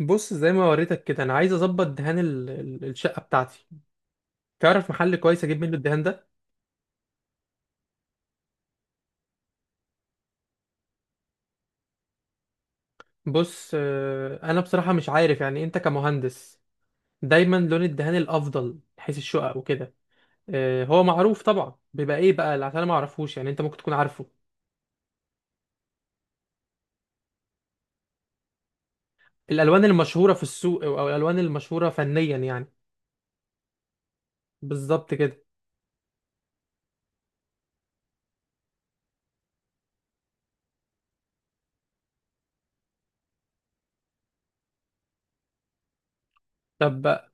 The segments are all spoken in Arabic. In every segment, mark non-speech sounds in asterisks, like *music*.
بص، زي ما وريتك كده انا عايز اظبط دهان الشقه بتاعتي. تعرف محل كويس اجيب منه الدهان ده؟ بص، انا بصراحه مش عارف، يعني انت كمهندس، دايما لون الدهان الافضل حيث الشقق وكده. هو معروف طبعا بيبقى ايه بقى، عشان انا ما اعرفوش، يعني انت ممكن تكون عارفه. الالوان المشهوره في السوق او الالوان المشهوره فنيا يعني. بالظبط كده. طب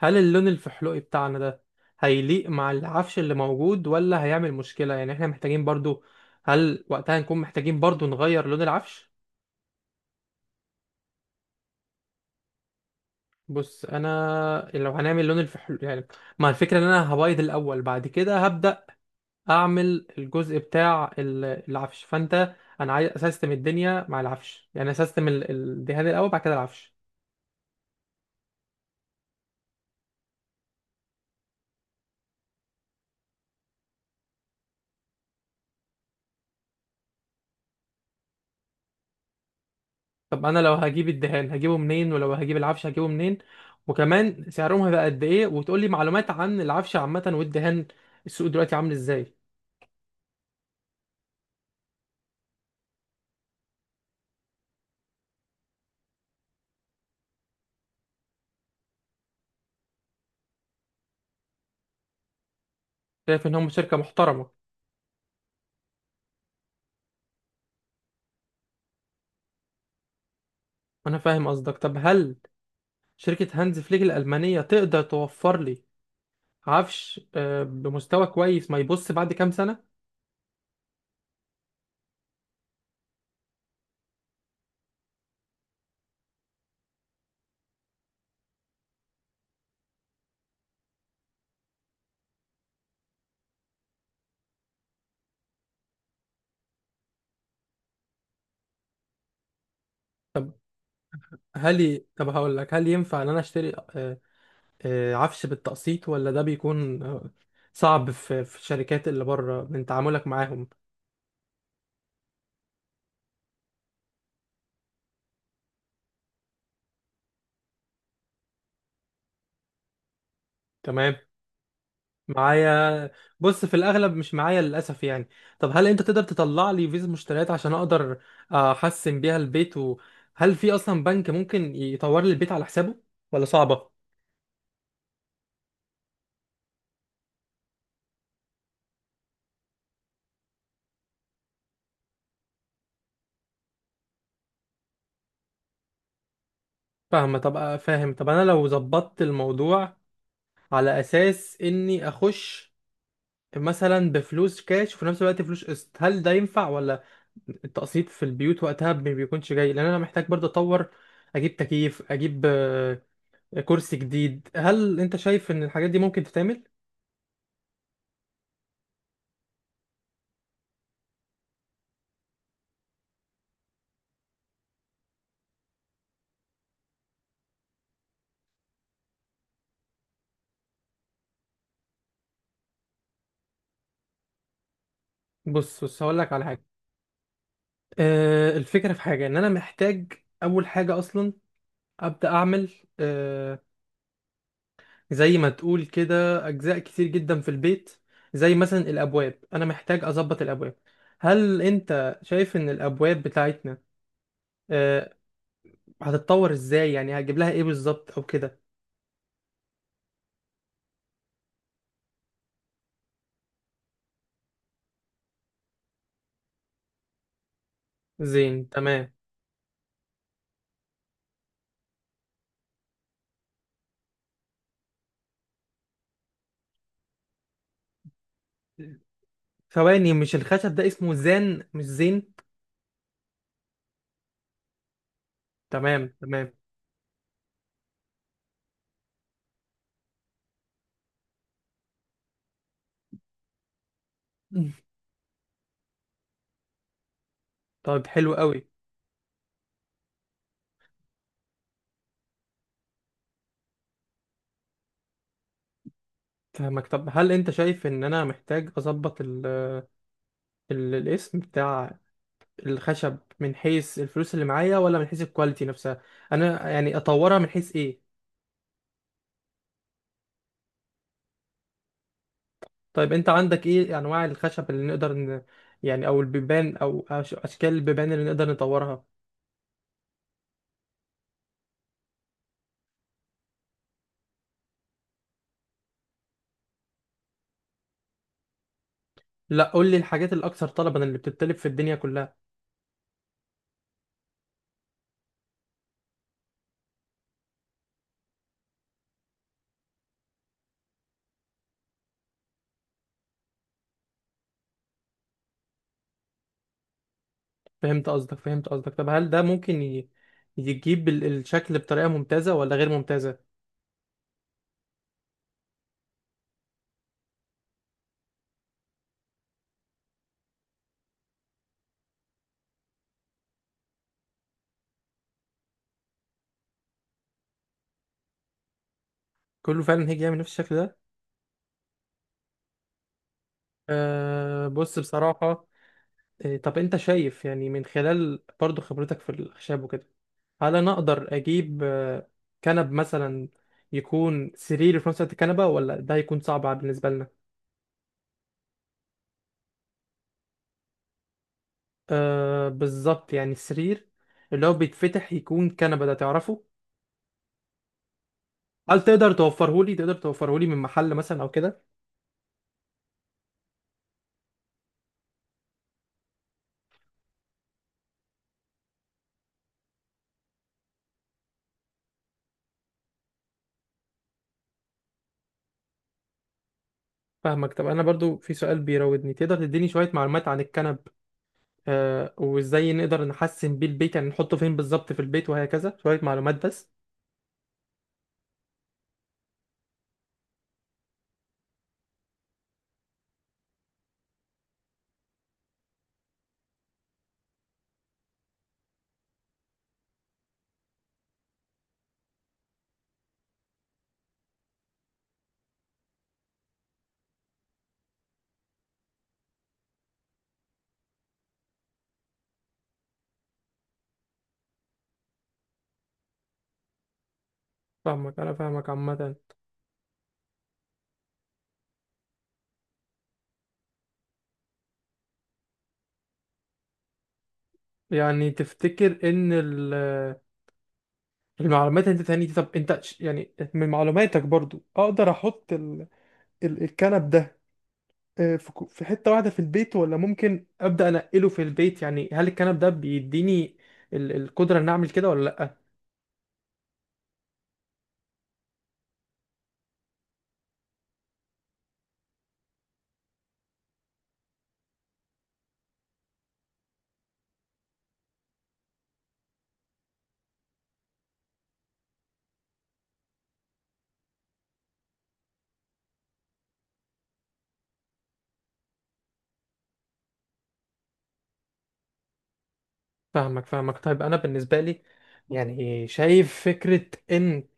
هل اللون الفحلوقي بتاعنا ده هيليق مع العفش اللي موجود ولا هيعمل مشكلة؟ يعني احنا محتاجين برضو، هل وقتها نكون محتاجين برضو نغير لون العفش؟ بص، انا لو هنعمل لون الفحل يعني، ما الفكرة ان انا هبيض الاول، بعد كده هبدأ اعمل الجزء بتاع العفش، فانت انا عايز اسستم الدنيا مع العفش، يعني اسستم الدهان الاول، بعد كده العفش. طب انا لو هجيب الدهان هجيبه منين؟ ولو هجيب العفش هجيبه منين؟ وكمان سعرهم هيبقى قد ايه؟ وتقول لي معلومات عن العفش عامة والدهان، السوق دلوقتي عامل ازاي؟ شايف ان هم شركة محترمة؟ انا فاهم قصدك. طب هل شركة هانز فليك الألمانية تقدر توفر لي عفش بمستوى كويس ما يبص بعد كام سنة؟ طب طب هقول لك، هل ينفع ان انا اشتري عفش بالتقسيط، ولا ده بيكون صعب في الشركات اللي بره من تعاملك معاهم؟ تمام. معايا. بص، في الاغلب مش معايا للاسف يعني. طب هل انت تقدر تطلع لي فيزا مشتريات عشان اقدر احسن بيها البيت؟ وهل في اصلا بنك ممكن يطور لي البيت على حسابه ولا صعبه؟ فاهمه. طب فاهم. طب انا لو ظبطت الموضوع على اساس اني اخش مثلا بفلوس كاش، وفي نفس الوقت فلوس قسط، هل ده ينفع ولا التقسيط في البيوت وقتها ما بيكونش جاي، لان انا محتاج برضه اطور، اجيب تكييف، اجيب كرسي جديد. هل انت شايف ان الحاجات دي ممكن تتعمل؟ بص، هقول لك على حاجه. الفكره في حاجه ان انا محتاج اول حاجه اصلا ابدا اعمل، آه زي ما تقول كده، اجزاء كتير جدا في البيت، زي مثلا الابواب، انا محتاج اظبط الابواب. هل انت شايف ان الابواب بتاعتنا آه هتتطور ازاي؟ يعني هجيب لها ايه بالظبط او كده؟ زين. تمام. ثواني، مش الخشب ده اسمه زان مش زين؟ تمام، تمام. *laughs* طيب، حلو قوي. فاهمك. طب هل انت شايف ان انا محتاج اظبط الاسم بتاع الخشب من حيث الفلوس اللي معايا، ولا من حيث الكواليتي نفسها؟ انا يعني اطورها من حيث ايه؟ طيب، انت عندك ايه انواع الخشب اللي نقدر يعني او البيبان او اشكال البيبان اللي نقدر نطورها؟ لا، قول لي الحاجات الاكثر طلبا اللي بتتطلب في الدنيا كلها. فهمت قصدك، فهمت قصدك. طب هل ده ممكن يجيب الشكل بطريقة ممتازة ولا غير ممتازة؟ كله فعلا هيجي يعمل نفس الشكل ده. أه، بص بصراحة، طب انت شايف، يعني من خلال برضو خبرتك في الخشب وكده، هل انا اقدر اجيب كنب مثلا يكون سرير في نفس الوقت كنبه، ولا ده هيكون صعب بالنسبه لنا؟ أه بالظبط، يعني السرير اللي هو بيتفتح يكون كنبه، ده تعرفه؟ هل تقدر توفره لي من محل مثلا او كده؟ فاهمك. طب انا برضو في سؤال بيراودني، تقدر تديني شويه معلومات عن الكنب؟ أه، وازاي نقدر نحسن بيه البيت؟ يعني نحطه فين بالظبط في البيت، وهكذا شويه معلومات بس. فاهمك، انا فاهمك عامه. يعني تفتكر ان ال المعلومات انت تاني دي؟ طب انت يعني من معلوماتك برضو اقدر احط الكنب ده، في حتة واحدة في البيت، ولا ممكن ابدا انقله في البيت؟ يعني هل الكنب ده بيديني القدرة ان اعمل كده ولا لا؟ فاهمك، فاهمك. طيب انا بالنسبة لي يعني شايف فكرة ان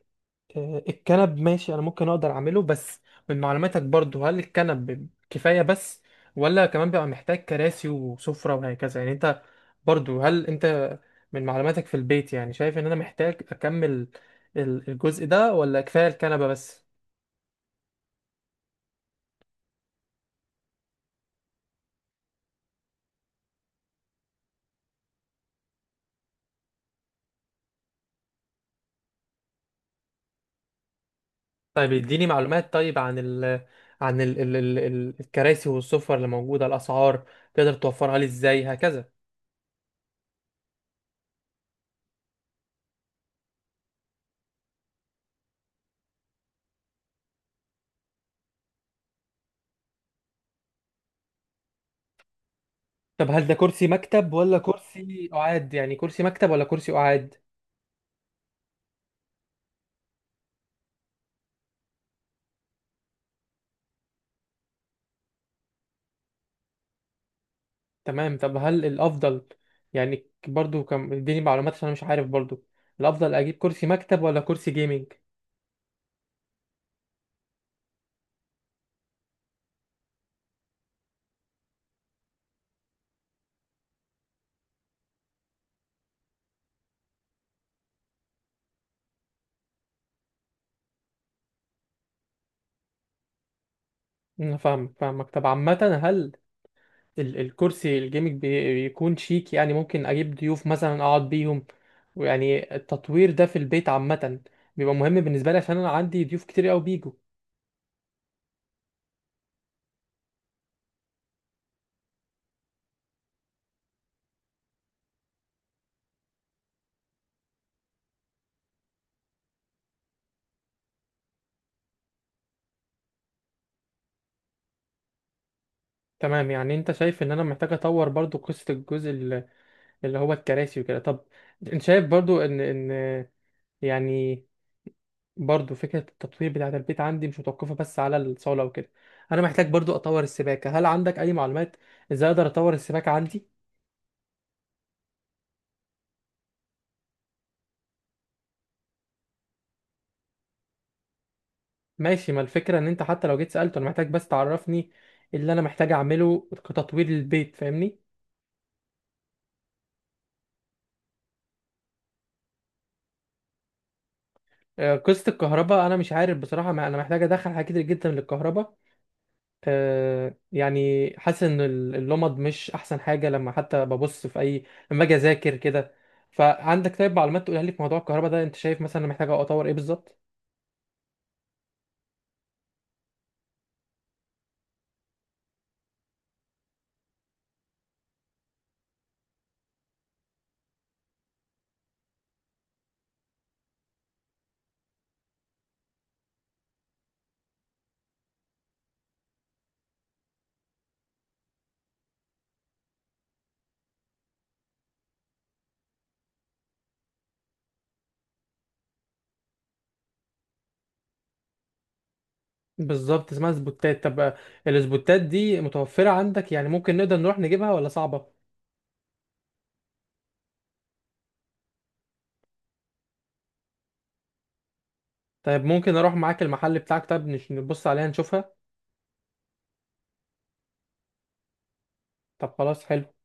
الكنب ماشي، انا ممكن اقدر اعمله، بس من معلوماتك برضو، هل الكنب كفاية بس ولا كمان بيبقى محتاج كراسي وسفرة وهكذا؟ يعني انت برضو، هل انت من معلوماتك في البيت، يعني شايف ان انا محتاج اكمل الجزء ده ولا كفاية الكنبة بس؟ طيب، اديني معلومات طيب عن الكراسي والسفر اللي موجودة، الاسعار تقدر توفرها لي ازاي، هكذا؟ طب هل ده كرسي مكتب ولا كرسي قعاد؟ يعني كرسي مكتب ولا كرسي قعاد؟ تمام. طب هل الافضل، يعني برضو كم، اديني معلومات عشان انا مش عارف برضو، الافضل اجيب كرسي مكتب ولا كرسي جيمنج؟ انا فاهمك، فاهمك. طب عامه، هل الكرسي الجيمنج بيكون شيك، يعني ممكن اجيب ضيوف مثلا اقعد بيهم، ويعني التطوير ده في البيت عامه، بيبقى مهم بالنسبه لي، عشان انا عندي ضيوف كتير قوي بيجوا. تمام. يعني انت شايف ان انا محتاج اطور برضو قصه الجزء اللي هو الكراسي وكده. طب انت شايف برضو ان يعني برضو فكرة التطوير بتاعة البيت عندي مش متوقفة بس على الصالة وكده. أنا محتاج برضو أطور السباكة، هل عندك أي معلومات إزاي أقدر أطور السباكة عندي؟ ماشي، ما الفكرة إن أنت حتى لو جيت سألته، أنا محتاج بس تعرفني اللي أنا محتاج أعمله كتطوير للبيت، فاهمني؟ قصة الكهرباء أنا مش عارف بصراحة، ما أنا محتاج أدخل حاجات كتير جدا للكهرباء. يعني حاسس إن اللمض مش أحسن حاجة، لما حتى ببص في أي، لما أجي أذاكر كده. فعندك طيب معلومات تقولها لي في موضوع الكهرباء ده؟ أنت شايف مثلا أنا محتاج أطور إيه بالظبط؟ بالظبط، اسمها سبوتات. طب السبوتات دي متوفرة عندك؟ يعني ممكن نقدر نروح نجيبها ولا صعبة؟ طيب ممكن اروح معاك المحل بتاعك؟ طب نبص عليها، نشوفها. طب خلاص، حلو.